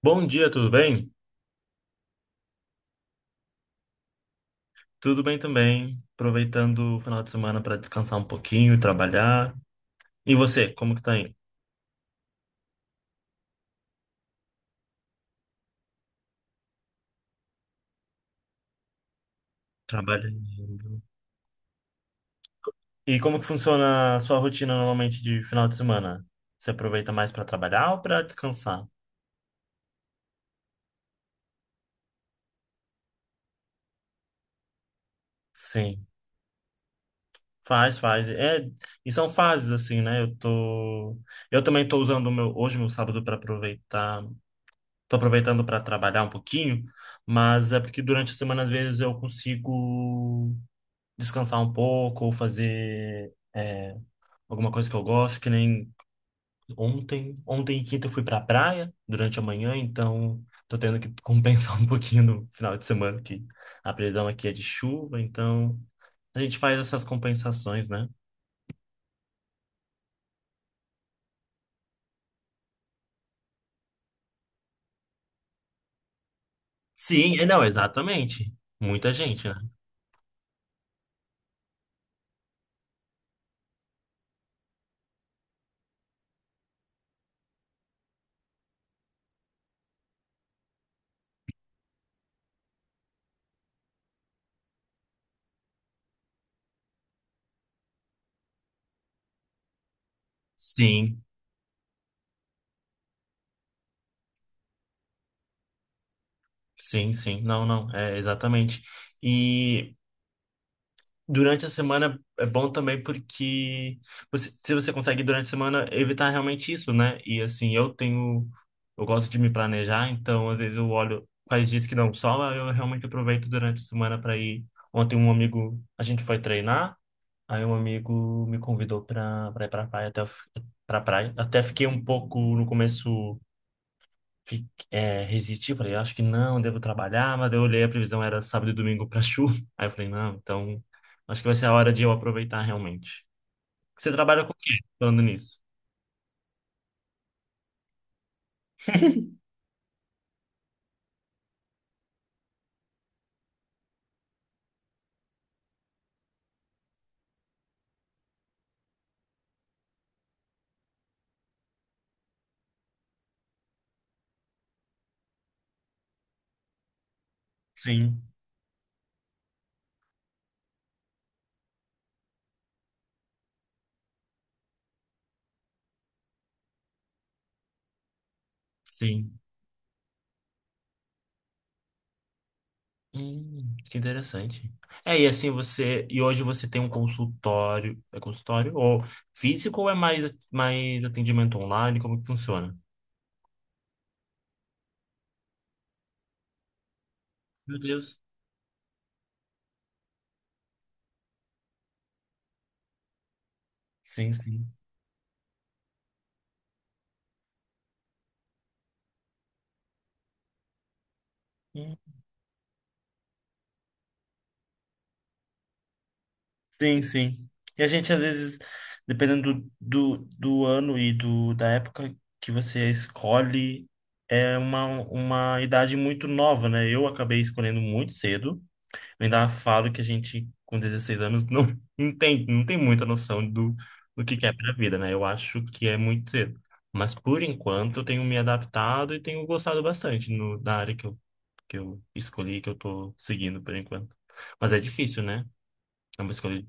Bom dia, tudo bem? Tudo bem também. Aproveitando o final de semana para descansar um pouquinho, trabalhar. E você, como que tá aí? Trabalhando. E como que funciona a sua rotina normalmente de final de semana? Você aproveita mais para trabalhar ou para descansar? Sim, faz. É, e são fases assim, né? Eu também tô usando o meu hoje meu sábado para aproveitar. Tô aproveitando para trabalhar um pouquinho, mas é porque durante a semana às vezes eu consigo descansar um pouco ou fazer alguma coisa que eu gosto, que nem ontem. Ontem, quinta, eu fui pra praia durante a manhã, então tô tendo que compensar um pouquinho no final de semana, que a previsão aqui é de chuva, então a gente faz essas compensações, né? Sim, é, não, exatamente. Muita gente, né? Sim, sim, sim. Não, não, é exatamente. E. Durante a semana é bom também porque se você consegue durante a semana evitar realmente isso, né? E assim, eu tenho, eu gosto de me planejar, então às vezes eu olho quais dias que não sol, eu realmente aproveito durante a semana para ir. Ontem um amigo, a gente foi treinar, aí um amigo me convidou para ir para praia pra praia. Até fiquei um pouco no começo resisti, falei, acho que não, devo trabalhar, mas daí eu olhei a previsão era sábado e domingo para chuva. Aí eu falei, não, então acho que vai ser a hora de eu aproveitar realmente. Você trabalha com o quê? Falando nisso. Sim. Sim. Que interessante. É, e assim você. E hoje você tem um consultório. É consultório? Ou físico ou é mais atendimento online? Como que funciona? Meu Deus. Sim, sim. Hum. Sim, sim. E a gente, às vezes, dependendo do ano da época que você escolhe, é uma idade muito nova, né? Eu acabei escolhendo muito cedo. Eu ainda falo que a gente, com 16 anos, não entende, não tem muita noção do que é pra vida, né? Eu acho que é muito cedo. Mas, por enquanto, eu tenho me adaptado e tenho gostado bastante no, da área que eu escolhi, que eu tô seguindo, por enquanto. Mas é difícil, né? É uma escolha.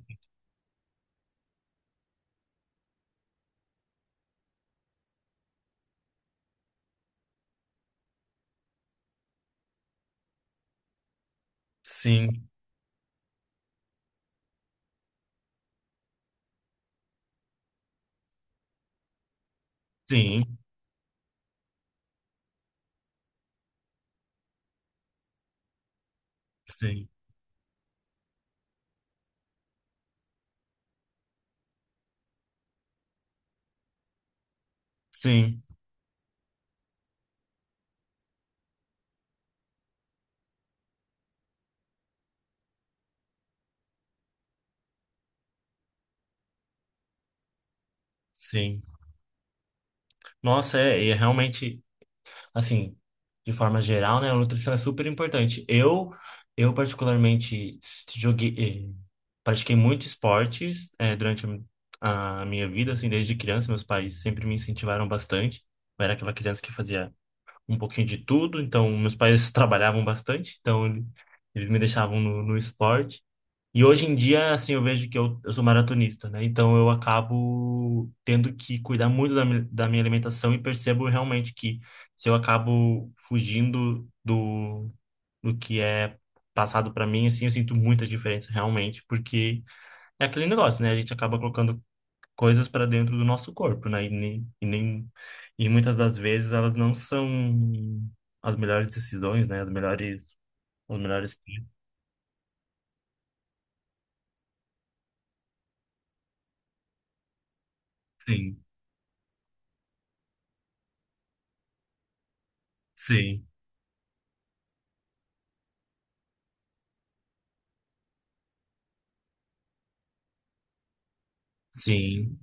Sim, sim, sim, sim, sim. Nossa, é, e é realmente, assim, de forma geral, né, a nutrição é super importante. Eu particularmente joguei, eh, pratiquei muito esportes, durante a minha vida, assim, desde criança, meus pais sempre me incentivaram bastante. Eu era aquela criança que fazia um pouquinho de tudo, então meus pais trabalhavam bastante, então eles me deixavam no esporte. E hoje em dia, assim, eu vejo que eu sou maratonista, né? Então eu acabo tendo que cuidar muito da minha alimentação e percebo realmente que se eu acabo fugindo do que é passado para mim, assim, eu sinto muita diferença realmente, porque é aquele negócio, né? A gente acaba colocando coisas para dentro do nosso corpo, né? E nem, e nem, e muitas das vezes elas não são as melhores decisões, né? As melhores, os melhores. Sim, sim, sim,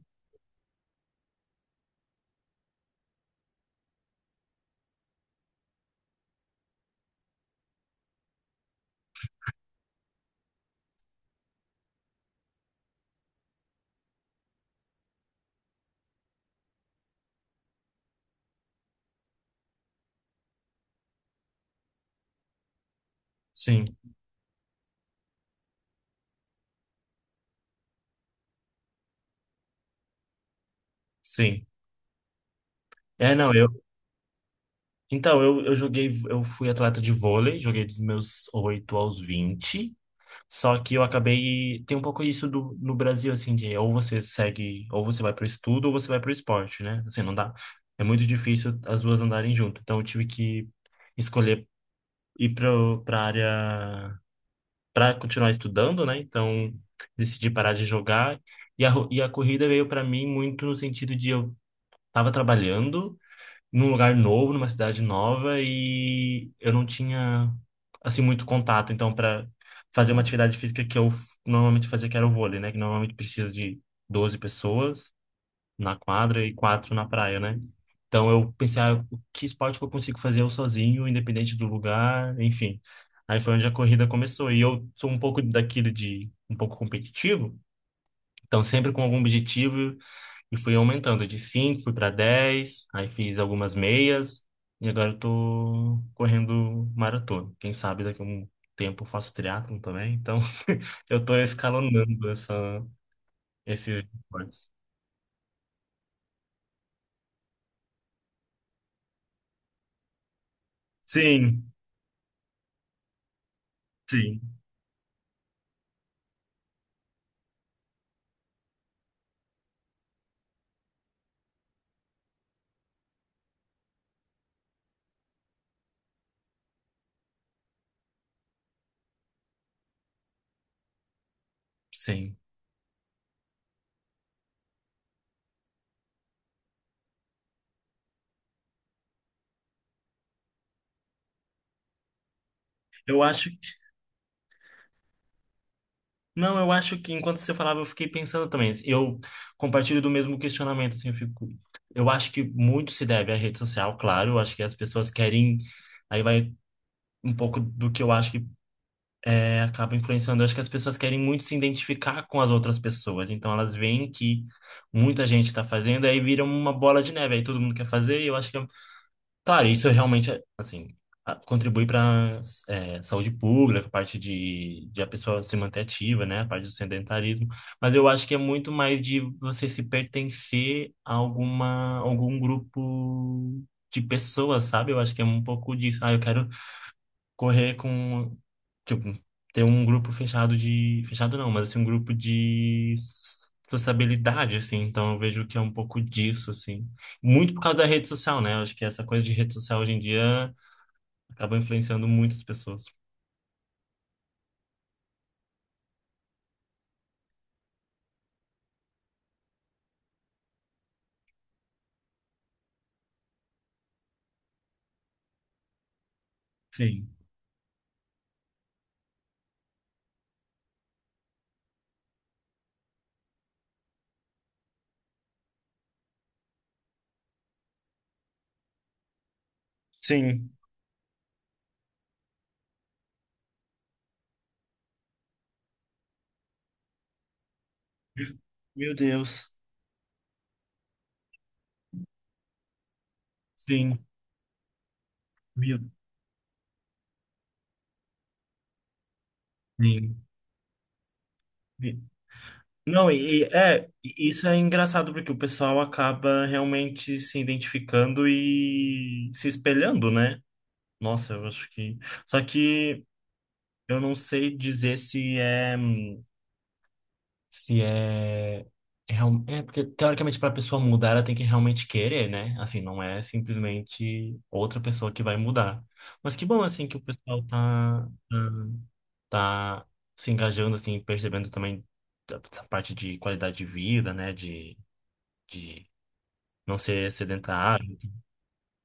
sim. Sim. É, não, eu. Então, eu joguei, eu fui atleta de vôlei, joguei dos meus 8 aos 20. Só que eu acabei. Tem um pouco isso do, no Brasil, assim, de ou você segue, ou você vai pro estudo, ou você vai pro esporte, né? Assim, não dá. É muito difícil as duas andarem junto. Então, eu tive que escolher pra área. Pra continuar estudando, né? Então, decidi parar de jogar. E a corrida veio para mim muito no sentido de eu tava trabalhando num lugar novo, numa cidade nova e eu não tinha assim muito contato, então para fazer uma atividade física normalmente fazia que era o vôlei, né, que normalmente precisa de 12 pessoas na quadra e 4 na praia, né? Então eu pensei, ah, o que esporte que eu consigo fazer eu sozinho, independente do lugar, enfim. Aí foi onde a corrida começou e eu sou um pouco daquilo de um pouco competitivo, então sempre com algum objetivo e fui aumentando de 5 fui para 10 aí fiz algumas meias e agora eu tô correndo maratona. Quem sabe daqui a um tempo eu faço triatlon também, então eu tô escalonando esses esportes. Sim, sim, sim. Eu acho que, não, eu acho que enquanto você falava eu fiquei pensando também. Eu compartilho do mesmo questionamento, assim, eu fico, eu acho que muito se deve à rede social, claro, eu acho que as pessoas querem, aí vai um pouco do que eu acho acaba influenciando. Eu acho que as pessoas querem muito se identificar com as outras pessoas, então elas veem que muita gente está fazendo, aí vira uma bola de neve, aí todo mundo quer fazer, e eu acho que claro, isso realmente, é, assim, contribui para saúde pública, a parte de a pessoa se manter ativa, né, a parte do sedentarismo, mas eu acho que é muito mais de você se pertencer a algum grupo de pessoas, sabe? Eu acho que é um pouco disso. Ah, eu quero correr com, tipo, ter um grupo fechado fechado não, mas assim, um grupo de sociabilidade, assim, então eu vejo que é um pouco disso, assim. Muito por causa da rede social, né? Eu acho que essa coisa de rede social hoje em dia acaba influenciando muitas pessoas. Sim. Sim. Meu Deus. Sim. Meu. Sim. Me-. Não, e isso é engraçado porque o pessoal acaba realmente se identificando e se espelhando, né? Nossa, eu acho que. Só que eu não sei dizer se é. Se é. É, é porque, teoricamente, para a pessoa mudar, ela tem que realmente querer, né? Assim, não é simplesmente outra pessoa que vai mudar. Mas que bom, assim, que o pessoal tá se engajando, assim, percebendo também essa parte de qualidade de vida, né? De não ser sedentário.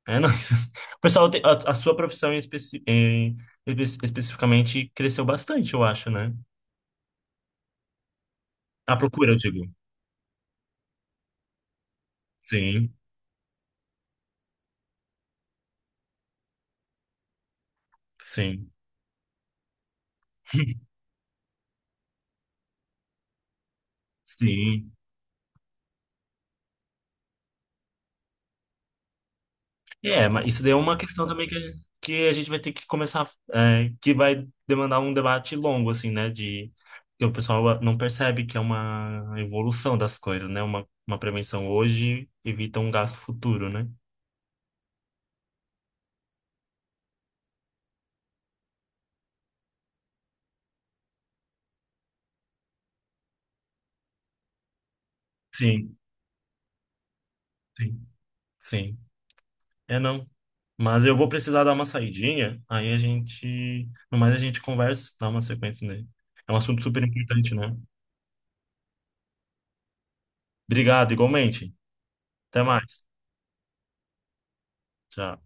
É, não. O pessoal, a sua profissão especificamente cresceu bastante, eu acho, né? A procura, eu digo. Sim, sim, sim. É, mas isso daí é uma questão também que a gente vai ter que começar, é, que vai demandar um debate longo, assim, né? De, que o pessoal não percebe que é uma evolução das coisas, né? Uma prevenção hoje evita um gasto futuro, né? Sim, sim, sim. É não. Mas eu vou precisar dar uma saidinha, aí a gente, no mais a gente conversa, dá uma sequência nele. É um assunto super importante, né? Obrigado, igualmente. Até mais. Tchau.